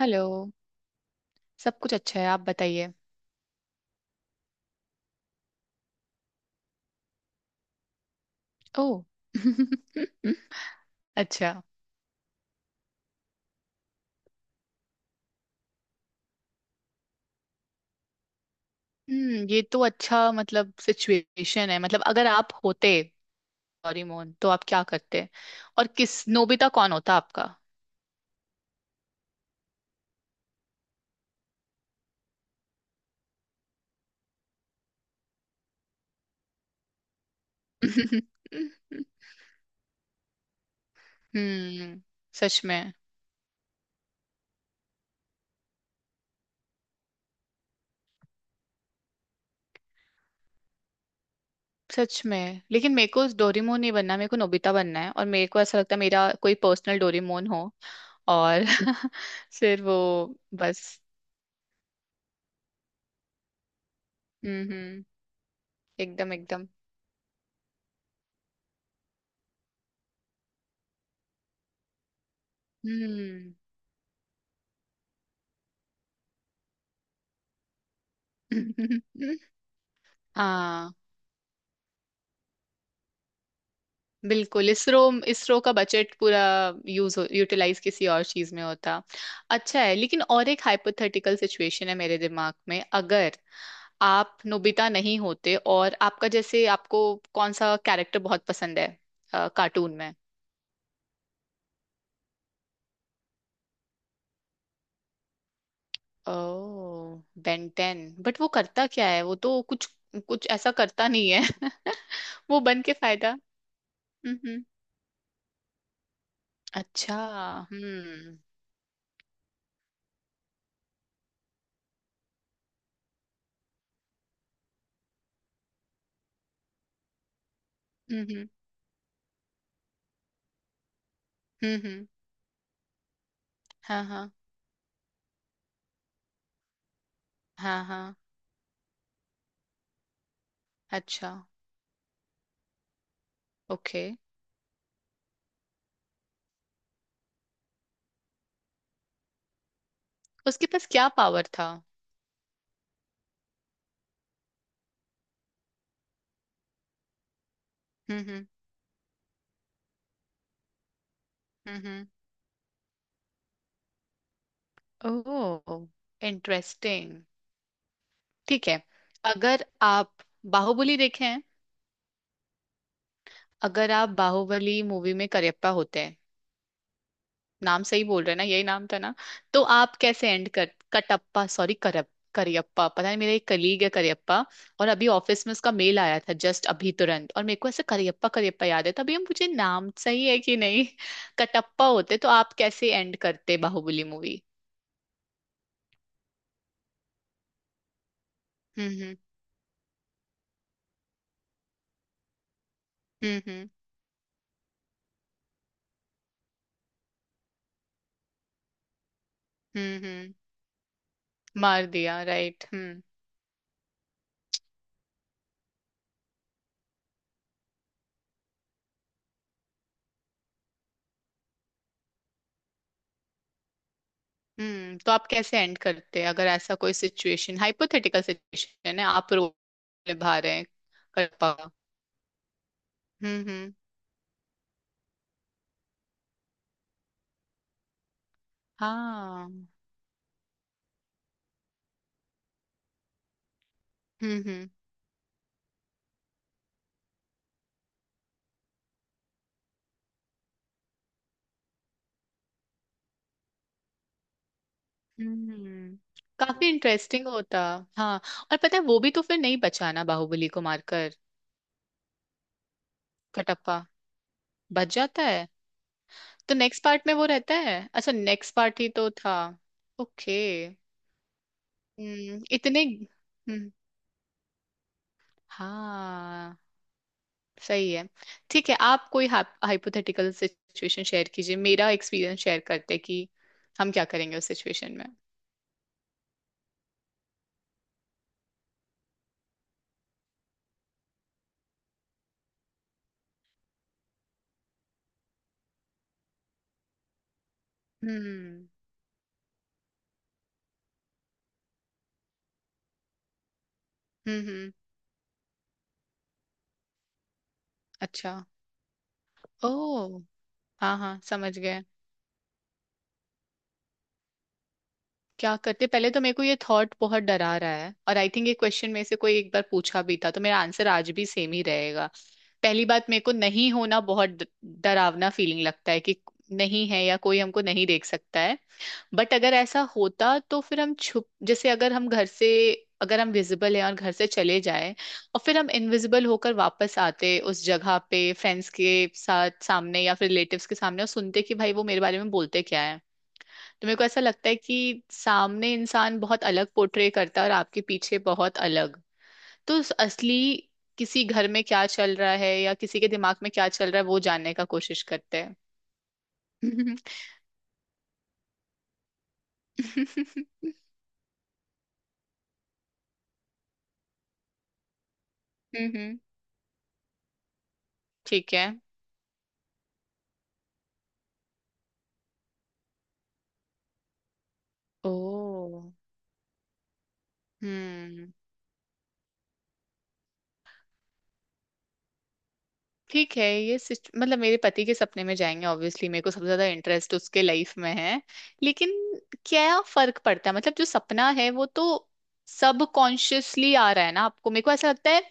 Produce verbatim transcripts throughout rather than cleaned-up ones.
Hello. सब कुछ अच्छा है, आप बताइए। ओह। अच्छा। हम्म, ये तो अच्छा मतलब सिचुएशन है। मतलब अगर आप होते डोरेमोन तो आप क्या करते? और किस, नोबिता कौन होता आपका? हम्म। सच में। सच में लेकिन मेरे को डोरेमोन नहीं बनना, मेरे को नोबिता बनना है और मेरे को ऐसा लगता है मेरा कोई पर्सनल डोरेमोन हो। और फिर वो बस। हम्म। हम्म। एकदम एकदम। हम्म। हाँ। बिल्कुल इसरो। इसरो का बजट पूरा यूज हो, यूटिलाइज किसी और चीज में होता। अच्छा है। लेकिन और एक हाइपोथेटिकल सिचुएशन है मेरे दिमाग में। अगर आप नोबिता नहीं होते और आपका जैसे आपको कौन सा कैरेक्टर बहुत पसंद है कार्टून में? ओ। बेंटेन, बट वो करता क्या है? वो तो कुछ कुछ ऐसा करता नहीं है। वो बन के फायदा। हम्म। अच्छा। हम्म। हम्म। हम्म। हम्म। हाँ हाँ। हाँ हाँ। अच्छा। ओके। उसके पास क्या पावर था? हम्म। हम्म। हम्म। हम्म। ओह, इंटरेस्टिंग। ठीक है। अगर आप बाहुबली देखे हैं, अगर आप बाहुबली मूवी में करियप्पा होते हैं, नाम सही बोल रहे हैं ना? यही नाम था ना? तो आप कैसे एंड कर, कटप्पा सॉरी, करप करियप्पा पता नहीं। मेरा एक कलीग है करियप्पा और अभी ऑफिस में उसका मेल आया था, जस्ट अभी तुरंत, और मेरे को ऐसे करियप्पा करियप्पा याद है, तभी हम, मुझे नाम सही है कि नहीं। कटप्पा होते तो आप कैसे एंड करते बाहुबली मूवी? हम्म। हम्म। हम्म। हम्म। मार दिया, राइट। हम्म। हम्म। तो आप कैसे एंड करते हैं? अगर ऐसा कोई सिचुएशन, हाइपोथेटिकल सिचुएशन है, आप रोल निभा रहे हैं। कर पा। हम्म। हम्म। हाँ। हम्म। हम्म। हम्म। काफी इंटरेस्टिंग होता। हाँ। और पता है वो भी तो फिर नहीं बचाना बाहुबली को मारकर? कटप्पा बच जाता है। तो नेक्स्ट पार्ट में वो रहता है, अच्छा नेक्स्ट पार्ट ही तो था। ओके। हम्म, इतने। हम्म। हाँ। सही है। ठीक है, आप कोई हाइपोथेटिकल सिचुएशन शेयर कीजिए, मेरा एक्सपीरियंस शेयर करते हैं कि हम क्या करेंगे उस सिचुएशन में। हम्म। हम्म। हम्म। अच्छा। ओ। हाँ हाँ समझ गए। क्या करते? पहले तो मेरे को ये थॉट बहुत डरा रहा है और आई थिंक ये क्वेश्चन में से कोई एक बार पूछा भी था, तो मेरा आंसर आज भी सेम ही रहेगा। पहली बात, मेरे को नहीं होना, बहुत ड- डरावना फीलिंग लगता है कि नहीं है या कोई हमको नहीं देख सकता है। बट अगर ऐसा होता तो फिर हम छुप, जैसे अगर हम घर से, अगर हम विजिबल हैं और घर से चले जाएं और फिर हम इनविजिबल होकर वापस आते उस जगह पे फ्रेंड्स के साथ सामने या फिर रिलेटिव्स के सामने, और सुनते कि भाई वो मेरे बारे में बोलते क्या है। तो मेरे को ऐसा लगता है कि सामने इंसान बहुत अलग पोर्ट्रे करता है और आपके पीछे बहुत अलग। तो उस असली किसी घर में क्या चल रहा है या किसी के दिमाग में क्या चल रहा है वो जानने का कोशिश करते हैं। हम्म। हम्म। ठीक है। ओ। हम्म। ठीक है ये सिच... मतलब मेरे पति के सपने में जाएंगे, ऑब्वियसली मेरे को सबसे ज्यादा इंटरेस्ट उसके लाइफ में है। लेकिन क्या फर्क पड़ता है? मतलब जो सपना है वो तो सब कॉन्शियसली आ रहा है ना आपको? मेरे को ऐसा लगता है,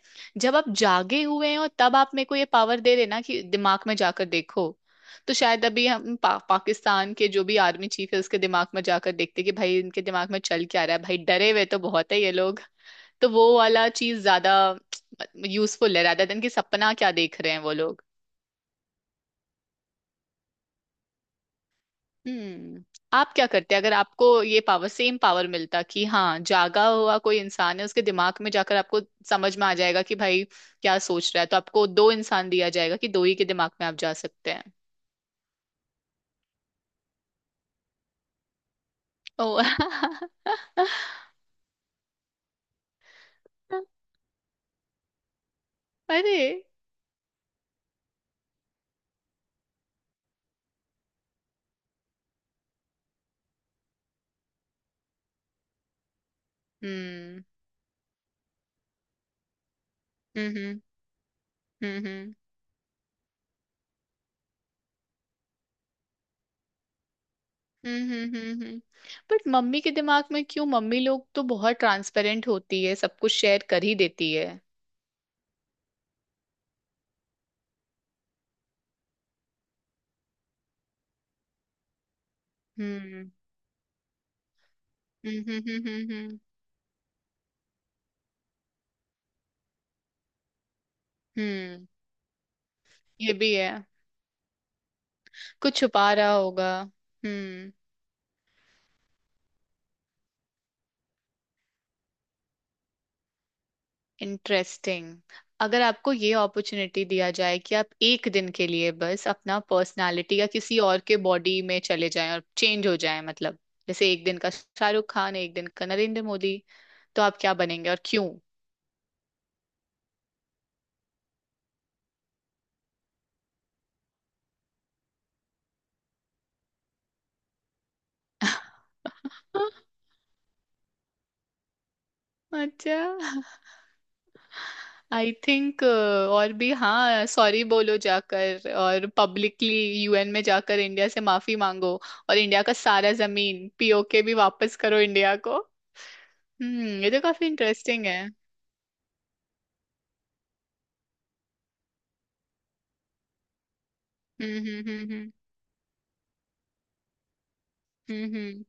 जब आप जागे हुए हैं और तब आप मेरे को ये पावर दे देना कि दिमाग में जाकर देखो, तो शायद अभी हम पा, पाकिस्तान के जो भी आर्मी चीफ है उसके दिमाग में जाकर देखते कि भाई इनके दिमाग में चल क्या रहा है। भाई डरे हुए तो बहुत है ये लोग। तो वो वाला चीज ज्यादा यूजफुल है rather देन कि सपना क्या देख रहे हैं वो लोग। हम्म। आप क्या करते अगर आपको ये पावर, सेम पावर मिलता कि हाँ जागा हुआ कोई इंसान है, उसके दिमाग में जाकर आपको समझ में आ जाएगा कि भाई क्या सोच रहा है? तो आपको दो इंसान दिया जाएगा कि दो ही के दिमाग में आप जा सकते हैं। ओ। अरे। हम्म। हम्म। हम्म। हम्म। हम्म। बट मम्मी के दिमाग में क्यों? मम्मी लोग तो बहुत ट्रांसपेरेंट होती है, सब कुछ शेयर कर ही देती है। हम्म। हम्म। हम्म। हम्म। हम्म। हम्म। हम्म। ये भी है, कुछ छुपा रहा होगा। हम्म। इंटरेस्टिंग। अगर आपको ये अपॉर्चुनिटी दिया जाए कि आप एक दिन के लिए बस अपना पर्सनालिटी या किसी और के बॉडी में चले जाएं और चेंज हो जाएं, मतलब जैसे एक दिन का शाहरुख खान, एक दिन का नरेंद्र मोदी, तो आप क्या बनेंगे और क्यों? अच्छा। आई थिंक और भी, हाँ सॉरी बोलो जाकर और पब्लिकली, यू एन में जाकर इंडिया से माफी मांगो और इंडिया का सारा जमीन पी ओ के भी वापस करो इंडिया को। हम्म, ये तो काफी इंटरेस्टिंग है। हम्म। हम्म। हम्म। हम्म।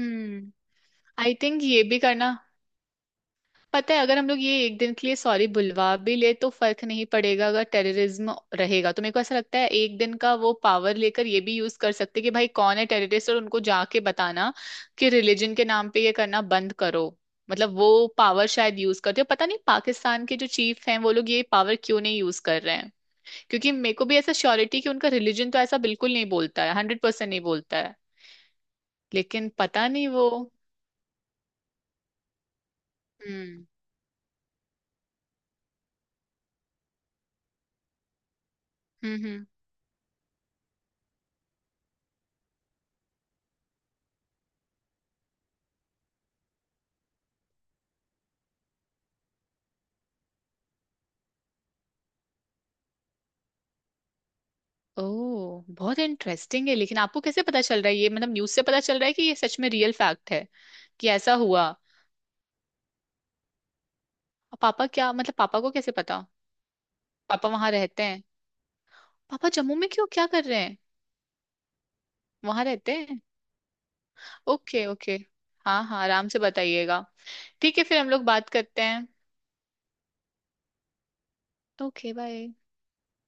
हम्म। आई थिंक ये भी करना, पता है, अगर हम लोग ये एक दिन के लिए सॉरी बुलवा भी ले तो फर्क नहीं पड़ेगा अगर टेररिज्म रहेगा। तो मेरे को ऐसा लगता है एक दिन का वो पावर लेकर ये भी यूज कर सकते कि भाई कौन है टेररिस्ट, और उनको जाके बताना कि रिलीजन के नाम पे ये करना बंद करो। मतलब वो पावर शायद यूज करते, हो पता नहीं पाकिस्तान के जो चीफ हैं वो लोग ये पावर क्यों नहीं यूज कर रहे हैं, क्योंकि मेरे को भी ऐसा श्योरिटी कि उनका रिलीजन तो ऐसा बिल्कुल नहीं बोलता है, हंड्रेड परसेंट नहीं बोलता है। लेकिन पता नहीं वो। हम्म। हम्म। हम्म। ओह बहुत इंटरेस्टिंग है, लेकिन आपको कैसे पता चल रहा है ये? मतलब न्यूज़ से पता चल रहा है कि ये सच में रियल फैक्ट है कि ऐसा हुआ? और पापा क्या मतलब? पापा को कैसे पता? पापा वहां रहते हैं? पापा जम्मू में क्यों, क्या कर रहे हैं वहां रहते हैं? Okay okay. हाँ हाँ आराम से बताइएगा। ठीक है, फिर हम लोग बात करते हैं। Okay bye.